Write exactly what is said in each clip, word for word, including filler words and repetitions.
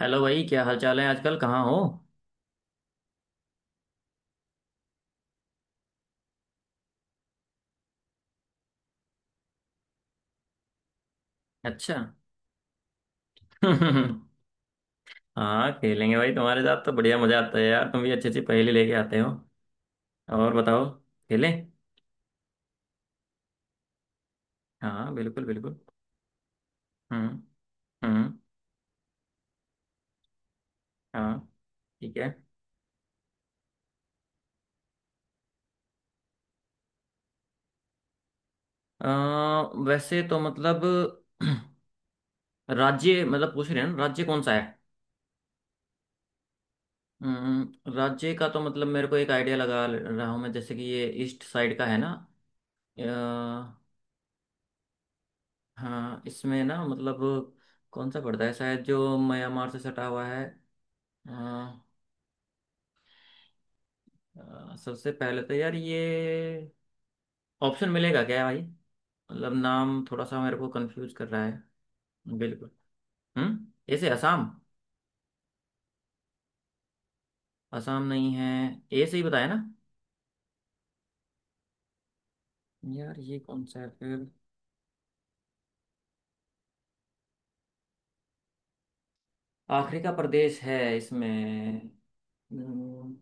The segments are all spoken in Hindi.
हेलो भाई, क्या हाल चाल है? आजकल कहाँ हो? अच्छा। हाँ, खेलेंगे भाई। तुम्हारे साथ तो बढ़िया मजा आता है यार, तुम भी अच्छी अच्छी पहेली लेके आते हो। और बताओ। खेलें। हाँ, बिल्कुल बिल्कुल। हम्म। हम्म। हाँ। ठीक है। अ, वैसे तो मतलब राज्य मतलब पूछ रहे हैं ना, राज्य कौन सा है? अम, राज्य का तो मतलब मेरे को एक आइडिया लगा, ले रहा हूँ मैं, जैसे कि ये ईस्ट साइड का है ना। हाँ, इसमें ना मतलब कौन सा पड़ता है, शायद जो म्यांमार से सटा हुआ है। हाँ। अ, सबसे पहले तो यार ये, ऑप्शन मिलेगा क्या भाई? मतलब नाम थोड़ा सा मेरे को कंफ्यूज कर रहा है। बिल्कुल। हम्म, ऐसे असम। असम नहीं है? ए से ही बताया ना। यार ये कौन सा है फिर? आखिरी का प्रदेश है इसमें? हम्म।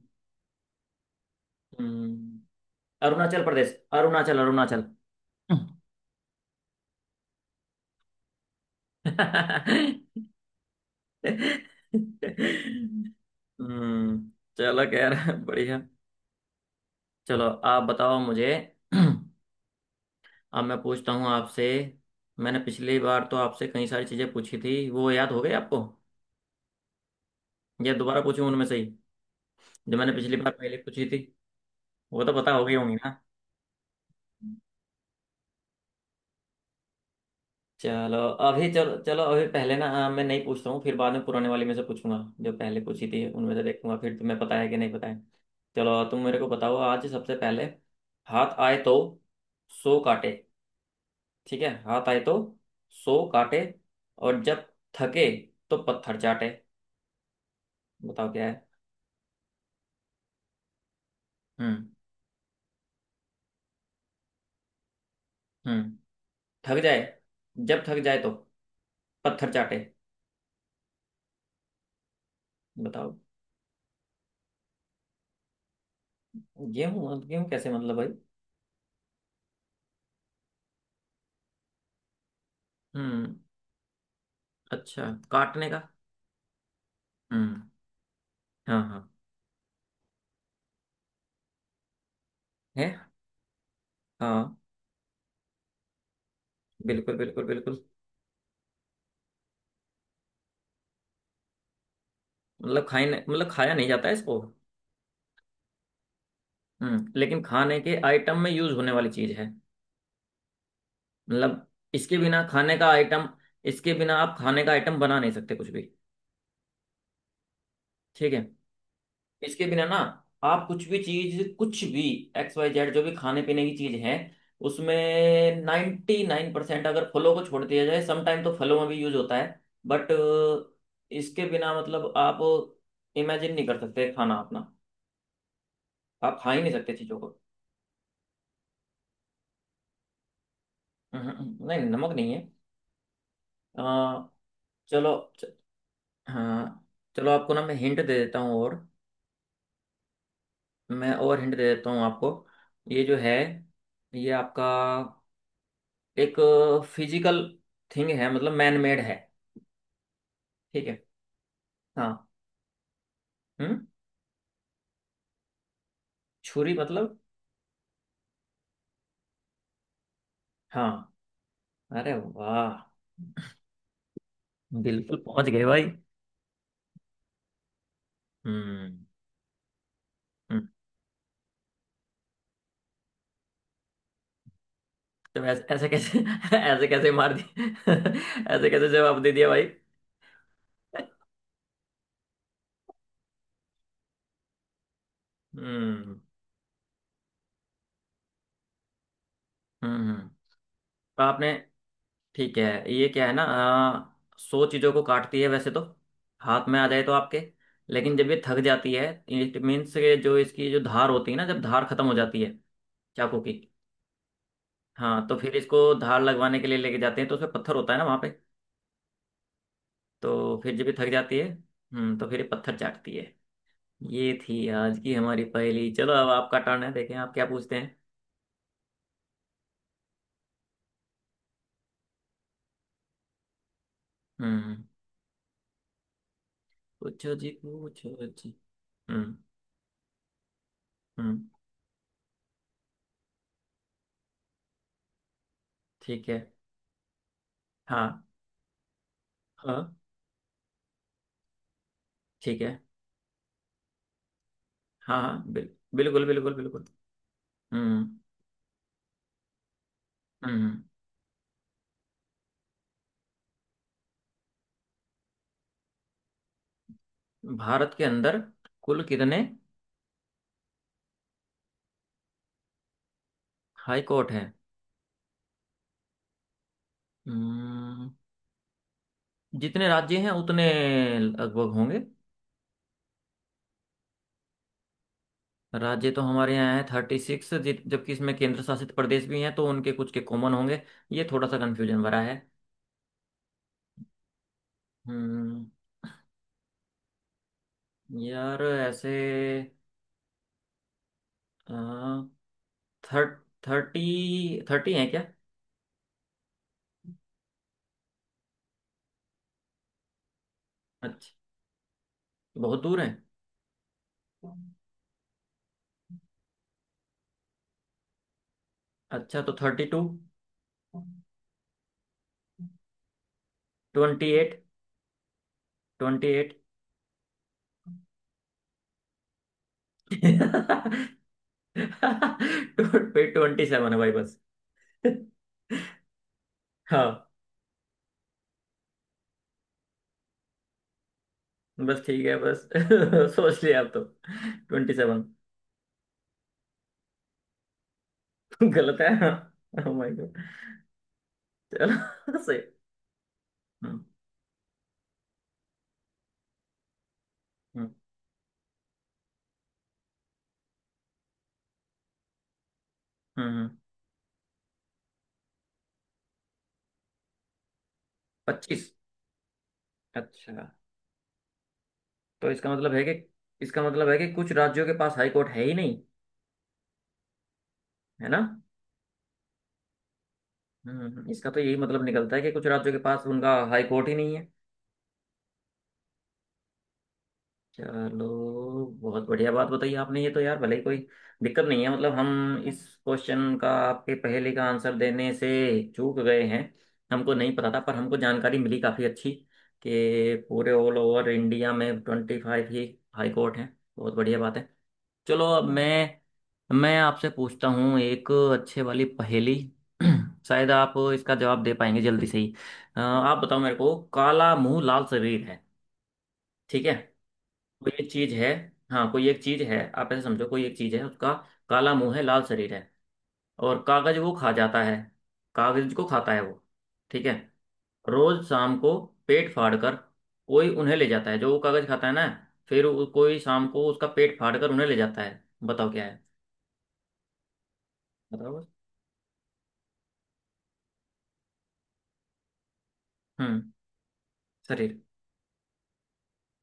हम्म। अरुणाचल प्रदेश। अरुणाचल, अरुणाचल। हम्म। चलो खैर, बढ़िया। चलो आप बताओ मुझे। अब मैं पूछता हूँ आपसे। मैंने पिछली बार तो आपसे कई सारी चीज़ें पूछी थी, वो याद हो गई आपको, या दोबारा पूछूं उनमें से ही? जो मैंने पिछली बार पहले पूछी थी, वो तो पता हो गई होंगी ना? चलो अभी, चलो चलो अभी पहले ना, अ, मैं नहीं पूछता हूँ, फिर बाद में पुराने वाले में से पूछूंगा। जो पहले पूछी थी उनमें से देखूंगा, फिर तुम्हें पता है कि नहीं पता है। चलो तुम मेरे को बताओ आज सबसे पहले। हाथ आए तो सो काटे। ठीक है, हाथ आए तो सो काटे, और जब थके तो पत्थर चाटे। बताओ क्या है। हम्म। हम्म। थक जाए, जब थक जाए तो पत्थर चाटे। बताओ। गेहूं? गेहूं कैसे मतलब भाई? हम्म, अच्छा, काटने का। हम्म। हाँ, हाँ। है। हाँ, बिल्कुल बिल्कुल बिल्कुल। मतलब खाने मतलब, खाया नहीं जाता है इसको। हम्म, लेकिन खाने के आइटम में यूज होने वाली चीज है मतलब। इसके बिना खाने का आइटम इसके बिना आप खाने का आइटम बना नहीं सकते कुछ भी। ठीक है। इसके बिना ना, आप कुछ भी चीज, कुछ भी एक्स वाई जेड जो भी खाने पीने की चीज है, उसमें नाइन्टी नाइन परसेंट, अगर फलों को छोड़ दिया जाए समटाइम तो फलों में भी यूज होता है। बट इसके बिना मतलब, आप इमेजिन नहीं कर सकते खाना अपना, आप खा ही नहीं सकते चीजों को। हम्म। हम्म। नहीं, नमक नहीं है। अ, चलो, च, हाँ, चलो आपको ना मैं हिंट दे देता हूँ, और मैं और हिंट दे देता हूँ आपको। ये जो है, ये आपका एक फिजिकल थिंग है मतलब, मैन मेड है। ठीक है। हाँ। हम्म। छुरी मतलब? हाँ, अरे वाह, बिल्कुल पहुंच गए भाई। हम्म। हम्म। तो ऐसे, ऐसे कैसे, ऐसे कैसे मार दी? ऐसे कैसे जवाब दे दिया भाई? हम्म। हम्म। हम्म। तो आपने, ठीक है ये क्या है ना आ, सो चीजों को काटती है वैसे तो, हाथ में आ जाए तो आपके, लेकिन जब ये थक जाती है, इट मीन्स के जो इसकी जो धार होती है ना, जब धार खत्म हो जाती है। चाकू की। हाँ, तो फिर इसको धार लगवाने के लिए लेके जाते हैं, तो उसमें पत्थर होता है ना वहाँ पे। तो फिर जब ये थक जाती है हम्म तो फिर ये पत्थर चाटती है। ये थी आज की हमारी पहेली। चलो अब आपका टर्न है, देखें आप क्या पूछते हैं। हम्म। पूछो जी, पूछो जी। हम्म। हम्म। ठीक है। हाँ। हाँ। ठीक है। हाँ। हाँ, बिल, बिल्कुल बिल्कुल बिल्कुल। हम्म। हम्म। भारत के अंदर कुल कितने हाई कोर्ट हैं? हम्म, जितने राज्य हैं उतने लगभग होंगे। राज्य तो हमारे यहाँ है थर्टी सिक्स, जबकि इसमें केंद्र शासित प्रदेश भी हैं तो उनके कुछ के कॉमन होंगे। ये थोड़ा सा कंफ्यूजन भरा है। हम्म। यार ऐसे थर्ट थर्टी थर्टी हैं क्या? अच्छा, बहुत दूर है? अच्छा तो thirty two. Twenty eight. Twenty eight. Twenty seven है भाई बस। हाँ। बस ठीक है बस, सोच लिया आप तो। Twenty seven. गलत है? Oh my god. चलो सही। हम्म। हम्म। हम्म। हम्म। पच्चीस? अच्छा। तो इसका मतलब है कि इसका मतलब है कि कुछ राज्यों के पास हाई कोर्ट है ही नहीं, है ना? हम्म। हम्म। हम्म। इसका तो यही मतलब निकलता है कि कुछ राज्यों के पास उनका हाई कोर्ट ही नहीं है। चलो बहुत बढ़िया बात बताई आपने ये तो यार, भले ही कोई दिक्कत नहीं है मतलब, हम इस क्वेश्चन का आपके पहले का आंसर देने से चूक गए हैं। हमको नहीं पता था, पर हमको जानकारी मिली काफ़ी अच्छी, कि पूरे ऑल ओवर इंडिया में ट्वेंटी फाइव ही हाई कोर्ट हैं। बहुत बढ़िया बात है। चलो अब मैं मैं आपसे पूछता हूँ एक अच्छे वाली पहेली। शायद आप इसका जवाब दे पाएंगे जल्दी से ही। अ, आप बताओ मेरे को, काला मुंह लाल शरीर है, ठीक है। कोई एक चीज है। हाँ, कोई एक चीज है, आप ऐसे समझो कोई एक चीज है, उसका काला मुंह है, लाल शरीर है, और कागज वो खा जाता है। कागज को खाता है वो। ठीक है। रोज शाम को पेट फाड़कर कोई उन्हें ले जाता है, जो वो कागज खाता है ना। फिर वो- कोई शाम को उसका पेट फाड़कर उन्हें ले जाता है। बताओ क्या है। बताओ बस। हम्म। शरीर।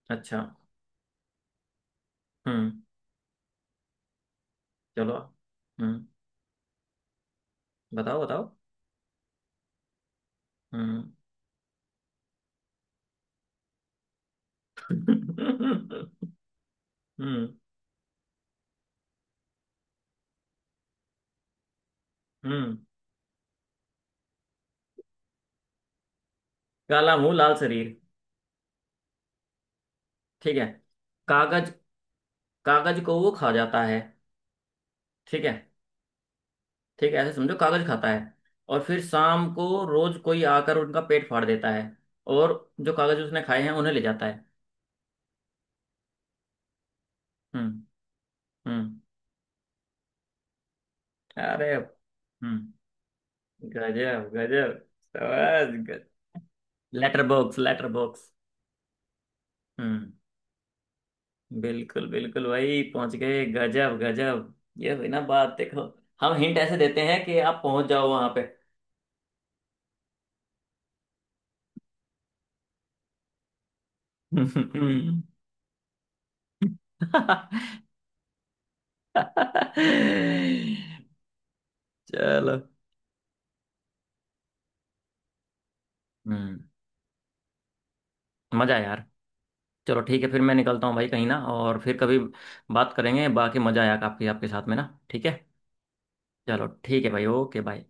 अच्छा। हम्म। चलो। हम्म। बताओ बताओ। हम्म। हम्म। हम्म। काला मुंह लाल शरीर? ठीक है। कागज? कागज को वो खा जाता है। ठीक है। ठीक है, ऐसे समझो कागज खाता है, और फिर शाम को रोज कोई आकर उनका पेट फाड़ देता है, और जो कागज उसने खाए हैं उन्हें ले जाता है। हम्म। हम्म। अरे। हम्म। गजब गजब। समझ गज लेटर बॉक्स, लेटर बॉक्स। हम्म। बिल्कुल बिल्कुल भाई, पहुंच गए, गजब गजब। ये हुई ना बात, देखो। हम हिंट ऐसे देते हैं कि आप पहुंच जाओ वहां पे। चलो। हम्म। मजा आया यार। चलो ठीक है फिर, मैं निकलता हूँ भाई कहीं ना, और फिर कभी बात करेंगे। बाकी मजा आया काफी आपके साथ में ना, ठीक है। चलो ठीक है भाई, ओके बाय।